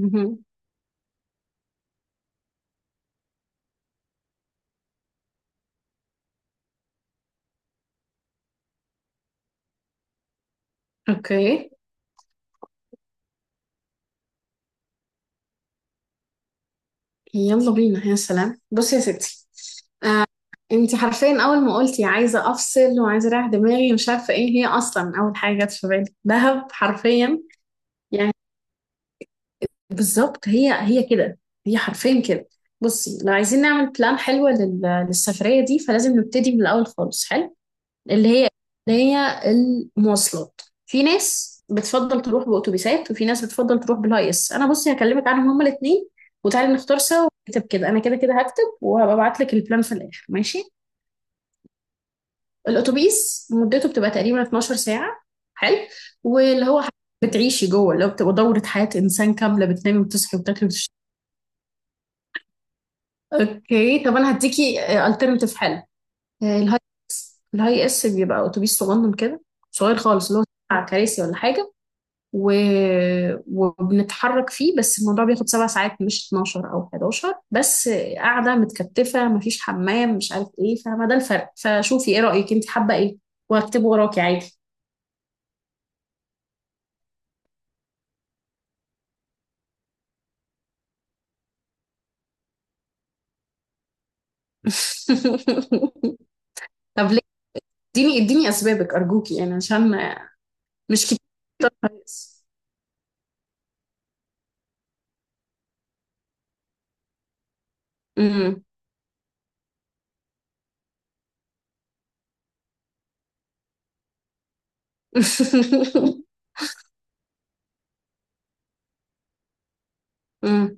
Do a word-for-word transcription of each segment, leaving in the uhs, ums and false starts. مهم. اوكي، يلا بينا. يا سلام بصي يا ستي، انت حرفيا اول ما قلتي عايزه افصل وعايزه اريح دماغي مش عارفه ايه هي، اصلا اول حاجه جت في بالي دهب حرفيا. يعني بالظبط هي هي كده، هي حرفيا كده. بصي، لو عايزين نعمل بلان حلوه لل- للسفريه دي فلازم نبتدي من الاول خالص. حلو. اللي هي اللي هي المواصلات، في ناس بتفضل تروح بأتوبيسات وفي ناس بتفضل تروح بالهاي اس. انا بصي هكلمك عنهم هما الاثنين، وتعالي نختار سوا ونكتب كده. انا كده كده هكتب وهبقى ابعت لك البلان في الاخر، ماشي؟ الاتوبيس مدته بتبقى تقريبا اتناشر ساعة، حلو، واللي هو ح- بتعيشي جوه، اللي هو بتبقى دورة حياة انسان كاملة، بتنامي وتصحي وبتاكلي وتشربي. اوكي، طب انا هديكي الترنتيف حلو. آه، الهاي الهاي اس بيبقى اتوبيس صغنن كده، صغير خالص، اللي هو سبع كراسي ولا حاجة و... وبنتحرك فيه. بس الموضوع بياخد سبع ساعات، مش اثنا عشر او احد عشر بس. قاعده متكتفه، مفيش حمام، مش عارف ايه، فما ده الفرق. فشوفي ايه رايك، انت حابه ايه، وهكتبه وراكي عادي. طب ليه؟ اديني اديني اسبابك ارجوكي، يعني عشان ما- مش كتير. طب كويس. أمم. أمم.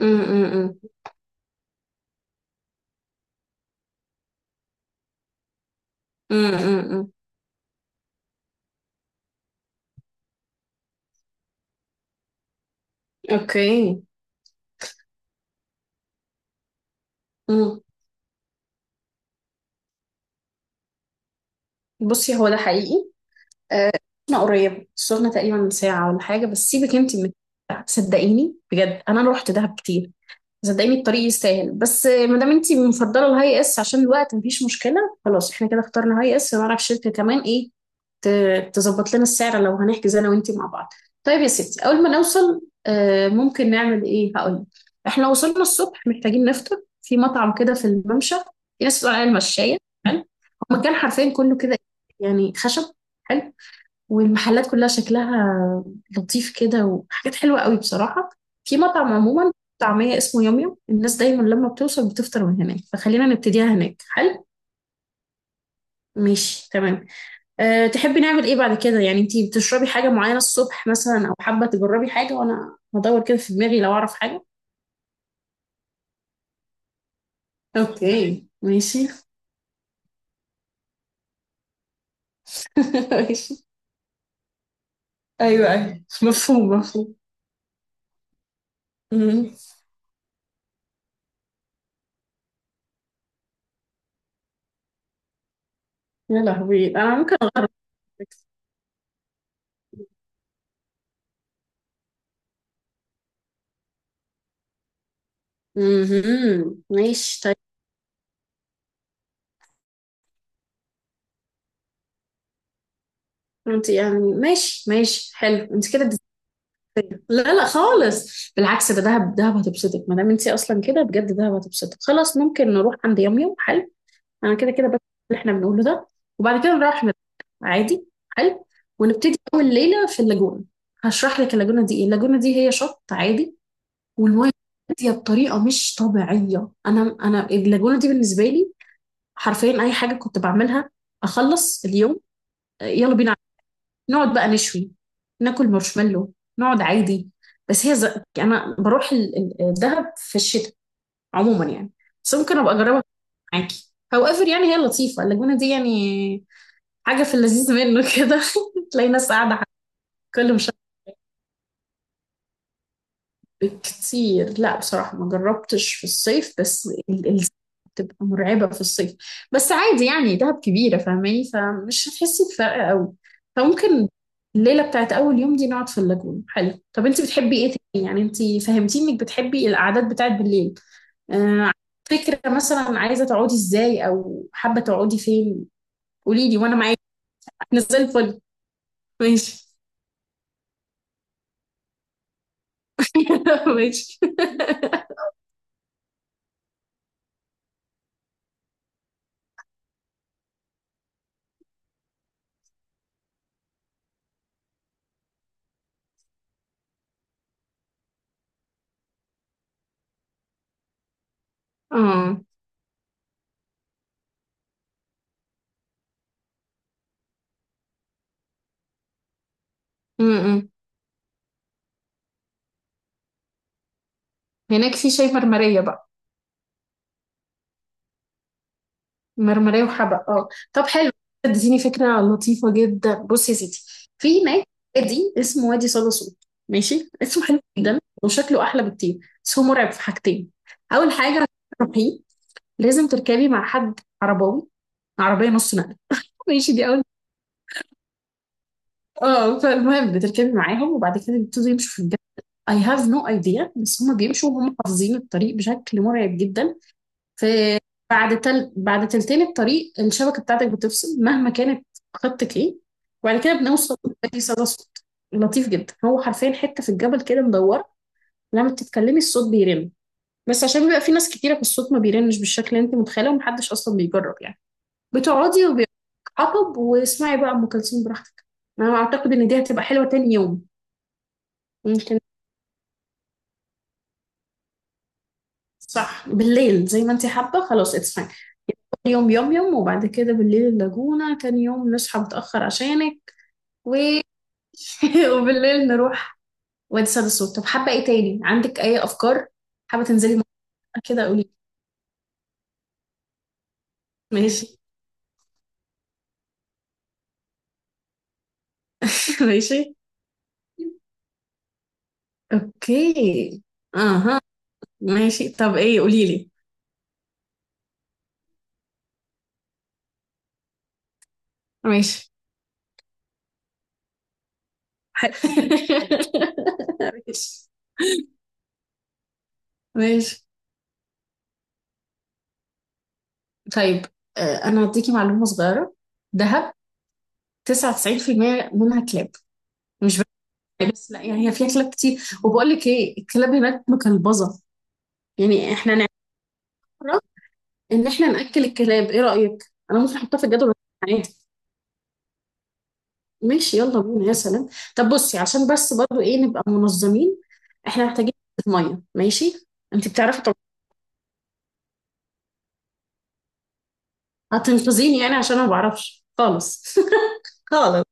أمم. أمم. أمم. أمم. اوكي. أمم. بصي، هو ده حقيقي. آه، انا قريب صرنا تقريبا من ساعة ولا حاجة، بس سيبك انت من... صدقيني بجد، انا رحت دهب كتير، صدقيني الطريق يستاهل. بس آه، ما دام انت مفضلة الهاي اس عشان الوقت، مفيش مشكلة، خلاص احنا كده اخترنا هاي اس. ونعرف شركة كمان ايه ت- تظبط لنا السعر لو هنحجز انا وانت مع بعض. طيب يا ستي، اول ما نوصل آه، ممكن نعمل ايه، هقول. احنا وصلنا الصبح محتاجين نفطر في مطعم كده في الممشى، في ناس بتقول عليه المشاية. حلو. هو مكان حرفيا كله كده يعني خشب. حلو. والمحلات كلها شكلها لطيف كده، وحاجات حلوة قوي بصراحة. في مطعم عموما طعمية اسمه يوم يوم، الناس دايما لما بتوصل بتفطر من هناك، فخلينا نبتديها هناك، حلو. ماشي، تمام. أه، تحبي نعمل ايه بعد كده؟ يعني انتي بتشربي حاجة معينة الصبح مثلا، او حابة تجربي حاجة وانا هدور كده في دماغي لو اعرف حاجة. اوكي ماشي. ماشي. ايوه ايوه، مفهوم مفهوم. مم. يا لهوي، انا ممكن اغرب. مهم. ماشي طيب. انت يعني ماشي ماشي حلو انت كده بتتبسطي. لا لا خالص، بالعكس، ده دهب، دهب هتبسطك، ما دام انت اصلا كده بجد دهب هتبسطك. خلاص ممكن نروح عند يوم يوم، حلو. انا كده كده بس اللي احنا بنقوله ده، وبعد كده نروح نرجع عادي. حلو. ونبتدي اول ليله في اللاجونه. هشرح لك اللاجونه دي ايه. اللاجونه دي هي شط عادي، والميه هاديه بطريقه مش طبيعيه. انا انا اللاجونه دي بالنسبه لي حرفيا اي حاجه كنت بعملها اخلص اليوم، يلا بينا نقعد بقى، نشوي، ناكل مارشميلو، نقعد عادي. بس هي ز... انا بروح ال- ال- الدهب في الشتاء عموما يعني. بس ممكن ابقى اجربها معاكي، هاو ايفر، يعني هي لطيفه اللاجونه دي، يعني حاجه في اللذيذ منه كده. تلاقي ناس قاعده على... كل، مش كتير، لا، بصراحة ما جربتش في الصيف، بس ال- ال- بتبقى مرعبة في الصيف. بس عادي يعني، دهب كبيرة فاهماني، فمش هتحسي بفرق قوي. فممكن الليلة بتاعت أول يوم دي نقعد في اللاجون، حلو. طب أنت بتحبي إيه تاني؟ يعني أنت فهمتيني إنك بتحبي القعدات بتاعت بالليل. آه، فكرة، مثلا عايزة تقعدي إزاي أو حابة تقعدي فين، قولي لي وأنا معاكي. أنا زي الفل. ماشي. ماشي. اه. م- م. هناك في شاي مرمرية بقى. مرمرية وحبق، اه طب حلو، اديتيني فكرة لطيفة جدا. بصي يا ستي، في هناك وادي اسمه وادي صدى صوت، ماشي. اسمه حلو جدا وشكله أحلى بكتير. بس هو مرعب في حاجتين. أول حاجة عشان تروحيه لازم تركبي مع حد عرباوي، عربية نص نقل، ماشي، دي أول. اه. فالمهم بتركبي معاهم وبعد كده بيبتدوا يمشوا في الجبل، I have no idea، بس هما بيمشوا وهم حافظين الطريق بشكل مرعب جدا. في بعد تل... بعد تلتين الطريق الشبكة بتاعتك بتفصل مهما كانت خطك ايه، وبعد كده بنوصل لأي صدى صوت. لطيف جدا، هو حرفيا حتة في الجبل كده مدورة، لما بتتكلمي الصوت بيرن. بس عشان بيبقى في ناس كتيرة في الصوت، ما بيرنش بالشكل اللي انت متخيله، ومحدش اصلا بيجرب يعني. بتقعدي وبيتحطب واسمعي بقى ام كلثوم براحتك. انا اعتقد ان دي هتبقى حلوة تاني يوم. ممكن صح بالليل زي ما انت حابة، خلاص اتس فاين. يوم يوم يوم، وبعد كده بالليل اللاجونة. تاني يوم نصحى متأخر عشانك و... وبالليل نروح وادي سيد الصوت. طب حابة ايه تاني؟ عندك اي افكار؟ حابة تنزلي مع... كده قولي. ماشي. ماشي. اوكي اها، ماشي طب ايه، قولي لي. ماشي. حلو. ماشي. ماشي طيب. آه، انا هديكي معلومة صغيرة. دهب تسعة وتسعين في المية منها كلاب، مش... بس لا يعني هي فيها كلاب كتير. وبقول لك ايه، الكلاب هناك مكلبظة، يعني احنا نعرف ان احنا ناكل الكلاب. ايه رايك، انا ممكن احطها في الجدول بتاعي عادي؟ ماشي يلا بينا يا سلام. طب بصي عشان بس برضو ايه، نبقى منظمين. احنا محتاجين ميه، ماشي. انت بتعرفي طب، هتنقذيني، يعني عشان انا ما بعرفش خالص. خالص،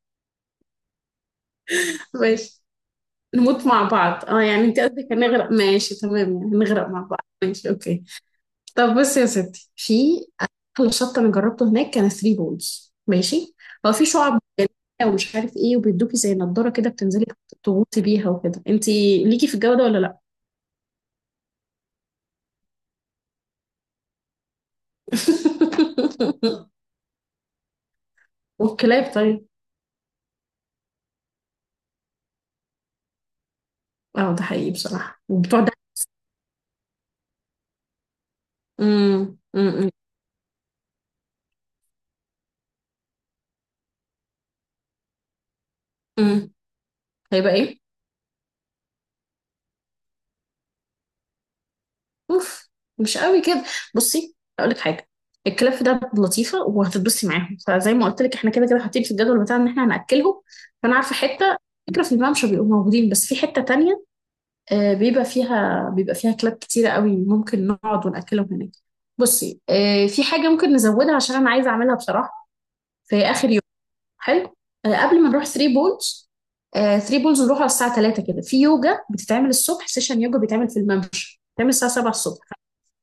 ماشي. نموت مع بعض، اه يعني انت قصدك هنغرق، ماشي تمام. يعني نغرق مع بعض، ماشي اوكي. طب بصي يا ستي، في احلى شط انا جربته هناك كان ثري بولز، ماشي. هو في شعب مرجانية ومش عارف ايه، وبيدوكي زي نضاره كده بتنزلي تغوصي بيها وكده. انتي ليكي في الجو ده ولا لا؟ والكلاب طيب. اه ده حقيقي بصراحه، وبتوع ده. امم امم. أمم. هيبقى ايه؟ اوف، مش قوي كده. بصي اقول لك حاجه، الكلاب ده لطيفه وهتتبسطي معاهم، فزي ما قلت لك احنا كده كده حاطين في الجدول بتاعنا ان احنا هناكلهم. فانا عارفه حته، فكره، في الممشى بيبقوا موجودين، بس في حته تانية آه، بيبقى فيها بيبقى فيها كلاب كتيره قوي، ممكن نقعد وناكلهم هناك. بصي آه، في حاجه ممكن نزودها عشان انا عايزه اعملها بصراحه. في اخر يوم حلو، آه، قبل ما نروح ثري بولز. ثري بولز نروح على الساعه تلاتة كده. في يوجا بتتعمل الصبح، سيشن يوجا بيتعمل في الممشى، بيتعمل الساعه السابعة الصبح.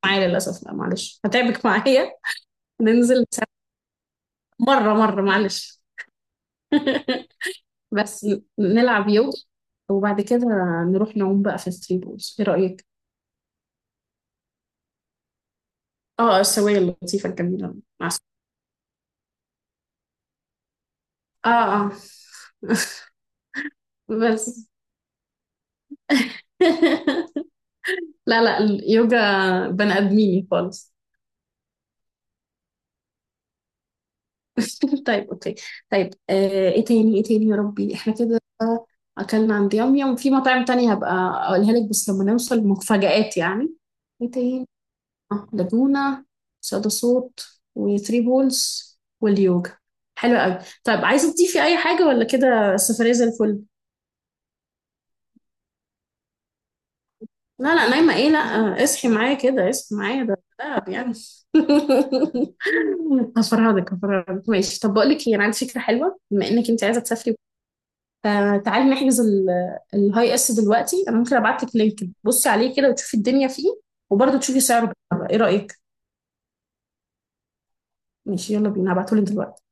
معايا للأسف، لا معلش هتعبك معايا، ننزل سوا مرة مرة معلش. بس ن- نلعب يوجا وبعد كده نروح نعوم بقى في الثري بولز، ايه رأيك؟ اه السوية اللطيفة الجميلة، مع الس- اه اه. بس. لا لا، اليوجا بني آدميني خالص. طيب اوكي. طيب، آه ايه تاني؟ ايه تاني يا ربي؟ احنا كده اكلنا عند يوم يوم، في مطاعم تانية هبقى اقولها لك بس لما نوصل، مفاجآت يعني. ايه تاني؟ آه، لاجونا، صدى صوت، وثري بولز، واليوجا. حلو قوي. طيب، عايزه تضيفي اي حاجه ولا كده السفريه زي الفل؟ لا لا نايمه ايه لا. آه، اصحي معايا كده، اصحي معايا، ده ده يعني. هفرهدك هفرهدك ماشي. طب بقول لك ايه، انا عندي فكره حلوه بما انك انت عايزه تسافري. آه، تعالي نحجز ال- الهاي اس دلوقتي. انا ممكن ابعت لك لينك بصي عليه كده وتشوفي الدنيا فيه، وبرضه تشوفي سعره بالمرة. ايه رايك؟ ماشي يلا بينا، هبعته لك دلوقتي.